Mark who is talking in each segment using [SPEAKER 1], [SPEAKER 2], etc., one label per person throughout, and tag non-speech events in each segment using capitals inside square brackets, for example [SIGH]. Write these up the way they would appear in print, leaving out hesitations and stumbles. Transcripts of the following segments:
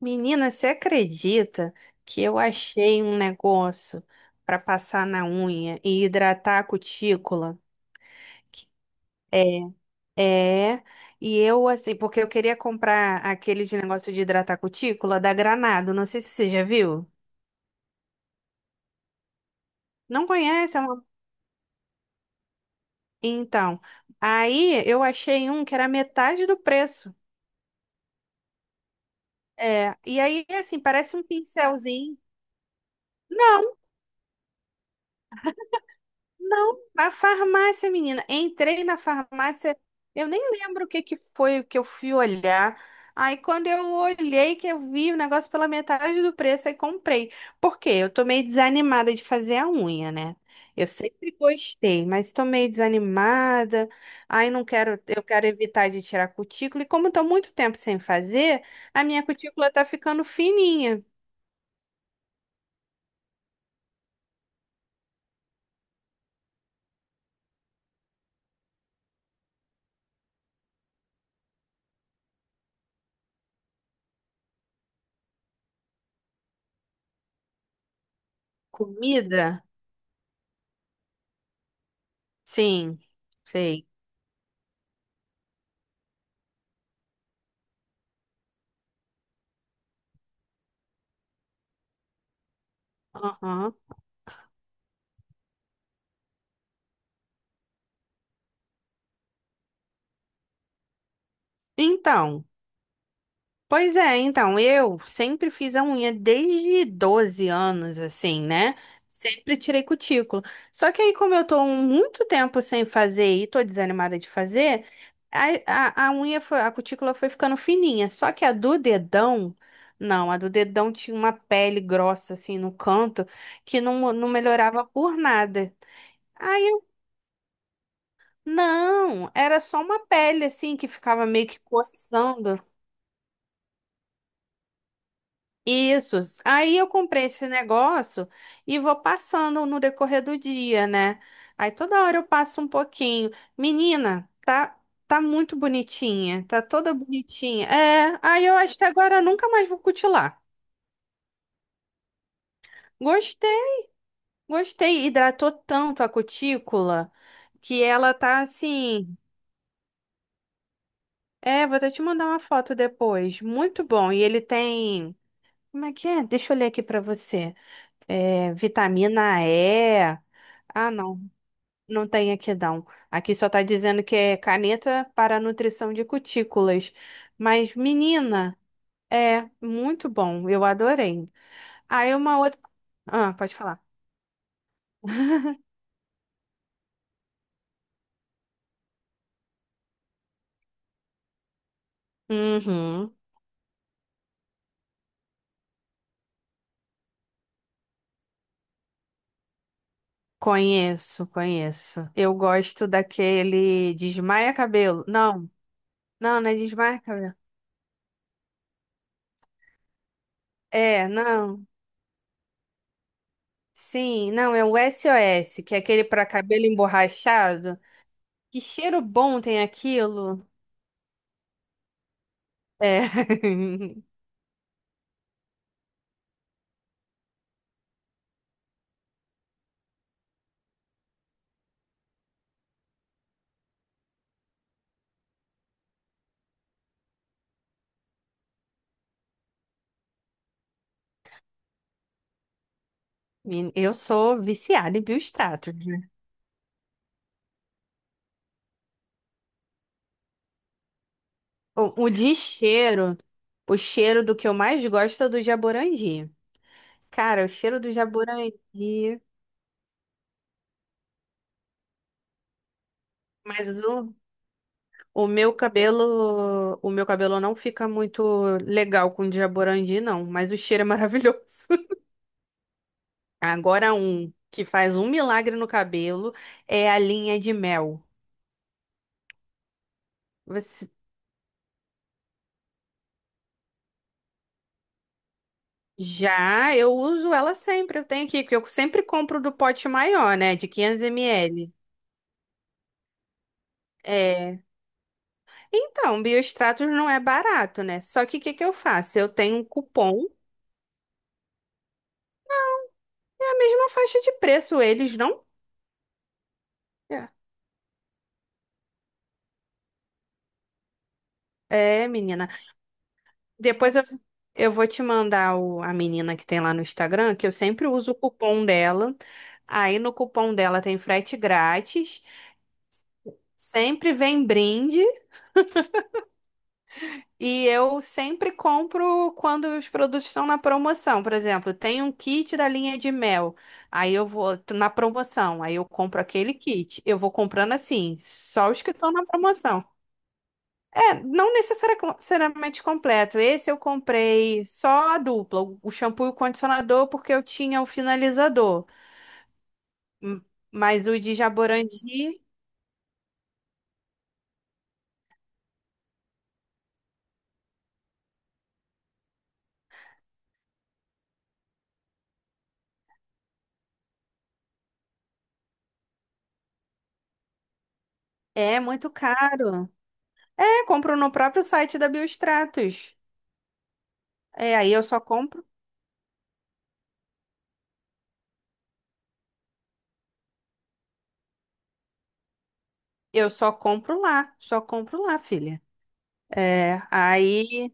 [SPEAKER 1] Menina, você acredita que eu achei um negócio para passar na unha e hidratar a cutícula? É, é. E eu, assim, porque eu queria comprar aquele de negócio de hidratar a cutícula da Granado. Não sei se você já viu. Não conhece? É uma- Então, aí eu achei um que era metade do preço. É, e aí, assim, parece um pincelzinho. Não, na farmácia, menina. Entrei na farmácia, eu nem lembro o que que foi que eu fui olhar. Aí quando eu olhei que eu vi o negócio pela metade do preço, aí comprei. Por quê? Eu tô meio desanimada de fazer a unha, né? Eu sempre gostei, mas tô meio desanimada. Aí não quero, eu quero evitar de tirar cutícula. E como tô muito tempo sem fazer, a minha cutícula tá ficando fininha. Comida? Sim, sei. Aham. Então. Pois é, então, eu sempre fiz a unha desde 12 anos, assim, né? Sempre tirei cutícula. Só que aí, como eu tô muito tempo sem fazer e tô desanimada de fazer, a unha foi, a cutícula foi ficando fininha. Só que a do dedão, não, a do dedão tinha uma pele grossa, assim, no canto, que não, não melhorava por nada. Aí, não, era só uma pele, assim, que ficava meio que coçando. Isso. Aí eu comprei esse negócio e vou passando no decorrer do dia, né? Aí toda hora eu passo um pouquinho. Menina, tá muito bonitinha, tá toda bonitinha. É, aí eu acho que agora eu nunca mais vou cutilar. Gostei, gostei. Hidratou tanto a cutícula que ela tá assim. É, vou até te mandar uma foto depois. Muito bom. E ele tem. Como é que é? Deixa eu ler aqui pra você. É, vitamina E. Ah, não. Não tem aqui não. Aqui só tá dizendo que é caneta para nutrição de cutículas. Mas, menina, é muito bom. Eu adorei. Aí uma outra. Ah, pode falar. Uhum. Conheço, conheço. Eu gosto daquele desmaia cabelo. Não, não, não é desmaia cabelo. É, não. Sim, não, é o SOS, que é aquele para cabelo emborrachado. Que cheiro bom tem aquilo. É. [LAUGHS] Men- Eu sou viciada em bioextratos, né? O de cheiro, o cheiro do que eu mais gosto é do jaborandi. Cara, o cheiro do jaborandi. Mas o meu cabelo não fica muito legal com o de jaborandi, não. Mas o cheiro é maravilhoso. [LAUGHS] Agora um que faz um milagre no cabelo é a linha de mel. Você- Já eu uso ela sempre, eu tenho aqui, porque eu sempre compro do pote maior, né, de 500 ml. Então, Biostratos não é barato, né? Só que o que que eu faço? Eu tenho um cupom, é a mesma faixa de preço, eles não. É, É, menina. Depois eu vou te mandar o, a menina que tem lá no Instagram, que eu sempre uso o cupom dela. Aí no cupom dela tem frete grátis, sempre vem brinde. E eu sempre compro quando os produtos estão na promoção. Por exemplo, tem um kit da linha de mel. Aí eu vou t- na promoção. Aí eu compro aquele kit. Eu vou comprando assim, só os que estão na promoção. É, não necessariamente completo. Esse eu comprei só a dupla, o shampoo e o condicionador, porque eu tinha o finalizador. Hum, Mas o de Jaborandi é muito caro. É, compro no próprio site da Biostratos. É, aí eu só compro. Eu só compro lá, filha. É, aí,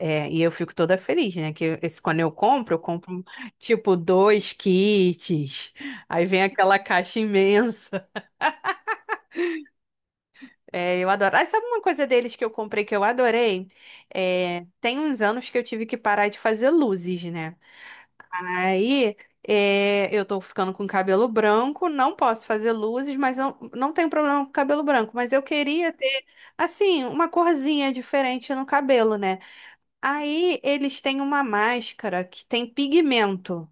[SPEAKER 1] é, e eu fico toda feliz, né? Que esse, quando eu compro tipo dois kits. Aí vem aquela caixa imensa. É, eu adoro. Ah, sabe uma coisa deles que eu comprei que eu adorei? É, tem uns anos que eu tive que parar de fazer luzes, né? Aí, é, eu tô ficando com cabelo branco, não posso fazer luzes, mas não, não tenho problema com cabelo branco. Mas eu queria ter, assim, uma corzinha diferente no cabelo, né? Aí, eles têm uma máscara que tem pigmento.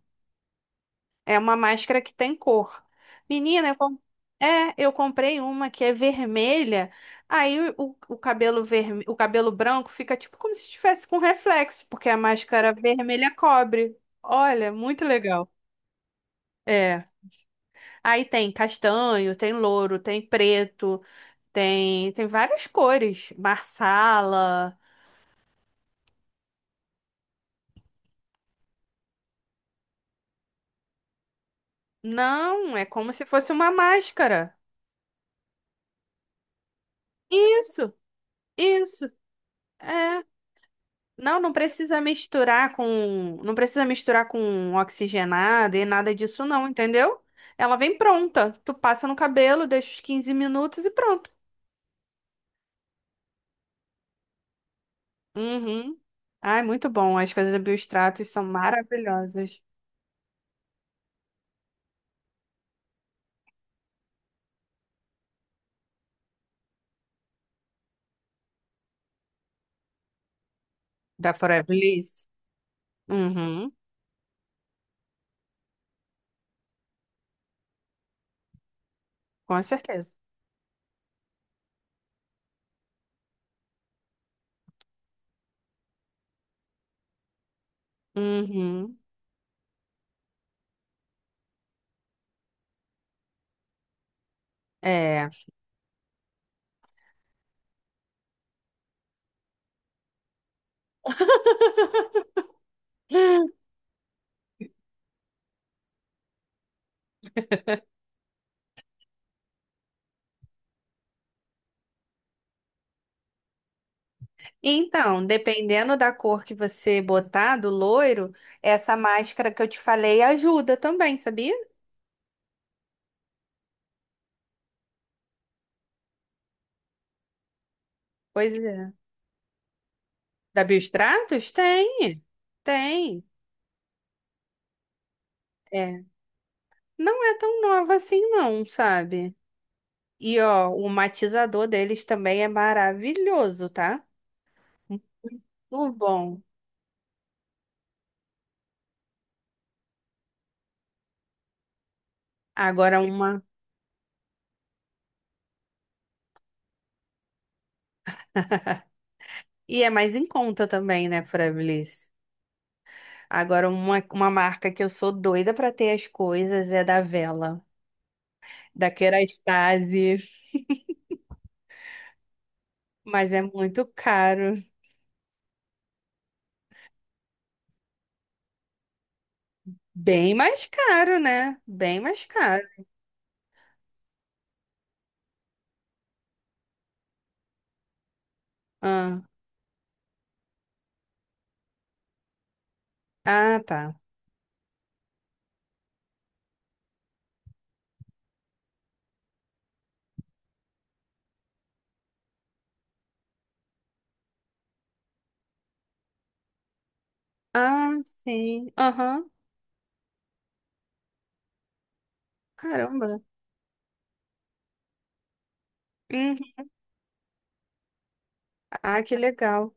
[SPEAKER 1] É uma máscara que tem cor. Menina, eu, com- é, eu comprei uma que é vermelha. Aí, o cabelo verme... o cabelo branco fica tipo como se estivesse com reflexo, porque a máscara vermelha cobre. Olha, muito legal. É. Aí tem castanho, tem louro, tem preto, tem, tem várias cores. Marsala. Não, é como se fosse uma máscara. Isso, isso. É. Não, não precisa misturar com, não precisa misturar com oxigenado e nada disso não, entendeu? Ela vem pronta. Tu passa no cabelo, deixa os 15 minutos e pronto. Uhum. Ai, muito bom. As coisas da Biostratos são maravilhosas. Da Forever Liss. Uhum, com certeza. Uhum. É. [GASPS] Então, dependendo da cor que você botar, do loiro, essa máscara que eu te falei ajuda também, sabia? Pois é. Da Biostratos? Tem, tem. É. Não é tão nova assim, não, sabe? E ó, o matizador deles também é maravilhoso, tá? O bom. Agora uma. E é mais em conta também, né, Frabliss? Agora uma marca que eu sou doida pra ter as coisas é da Vela. Da Kerastase, mas é muito caro. Bem mais caro, né? Bem mais caro. Ah, ah, tá. Ah, sim. Aham. Caramba. Uhum. Ah, que legal.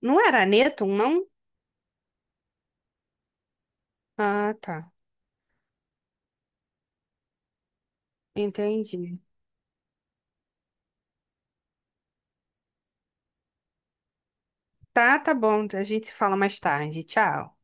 [SPEAKER 1] Não era Netum, não? Ah, tá. Entendi. Tá, tá bom. A gente se fala mais tarde. Tchau.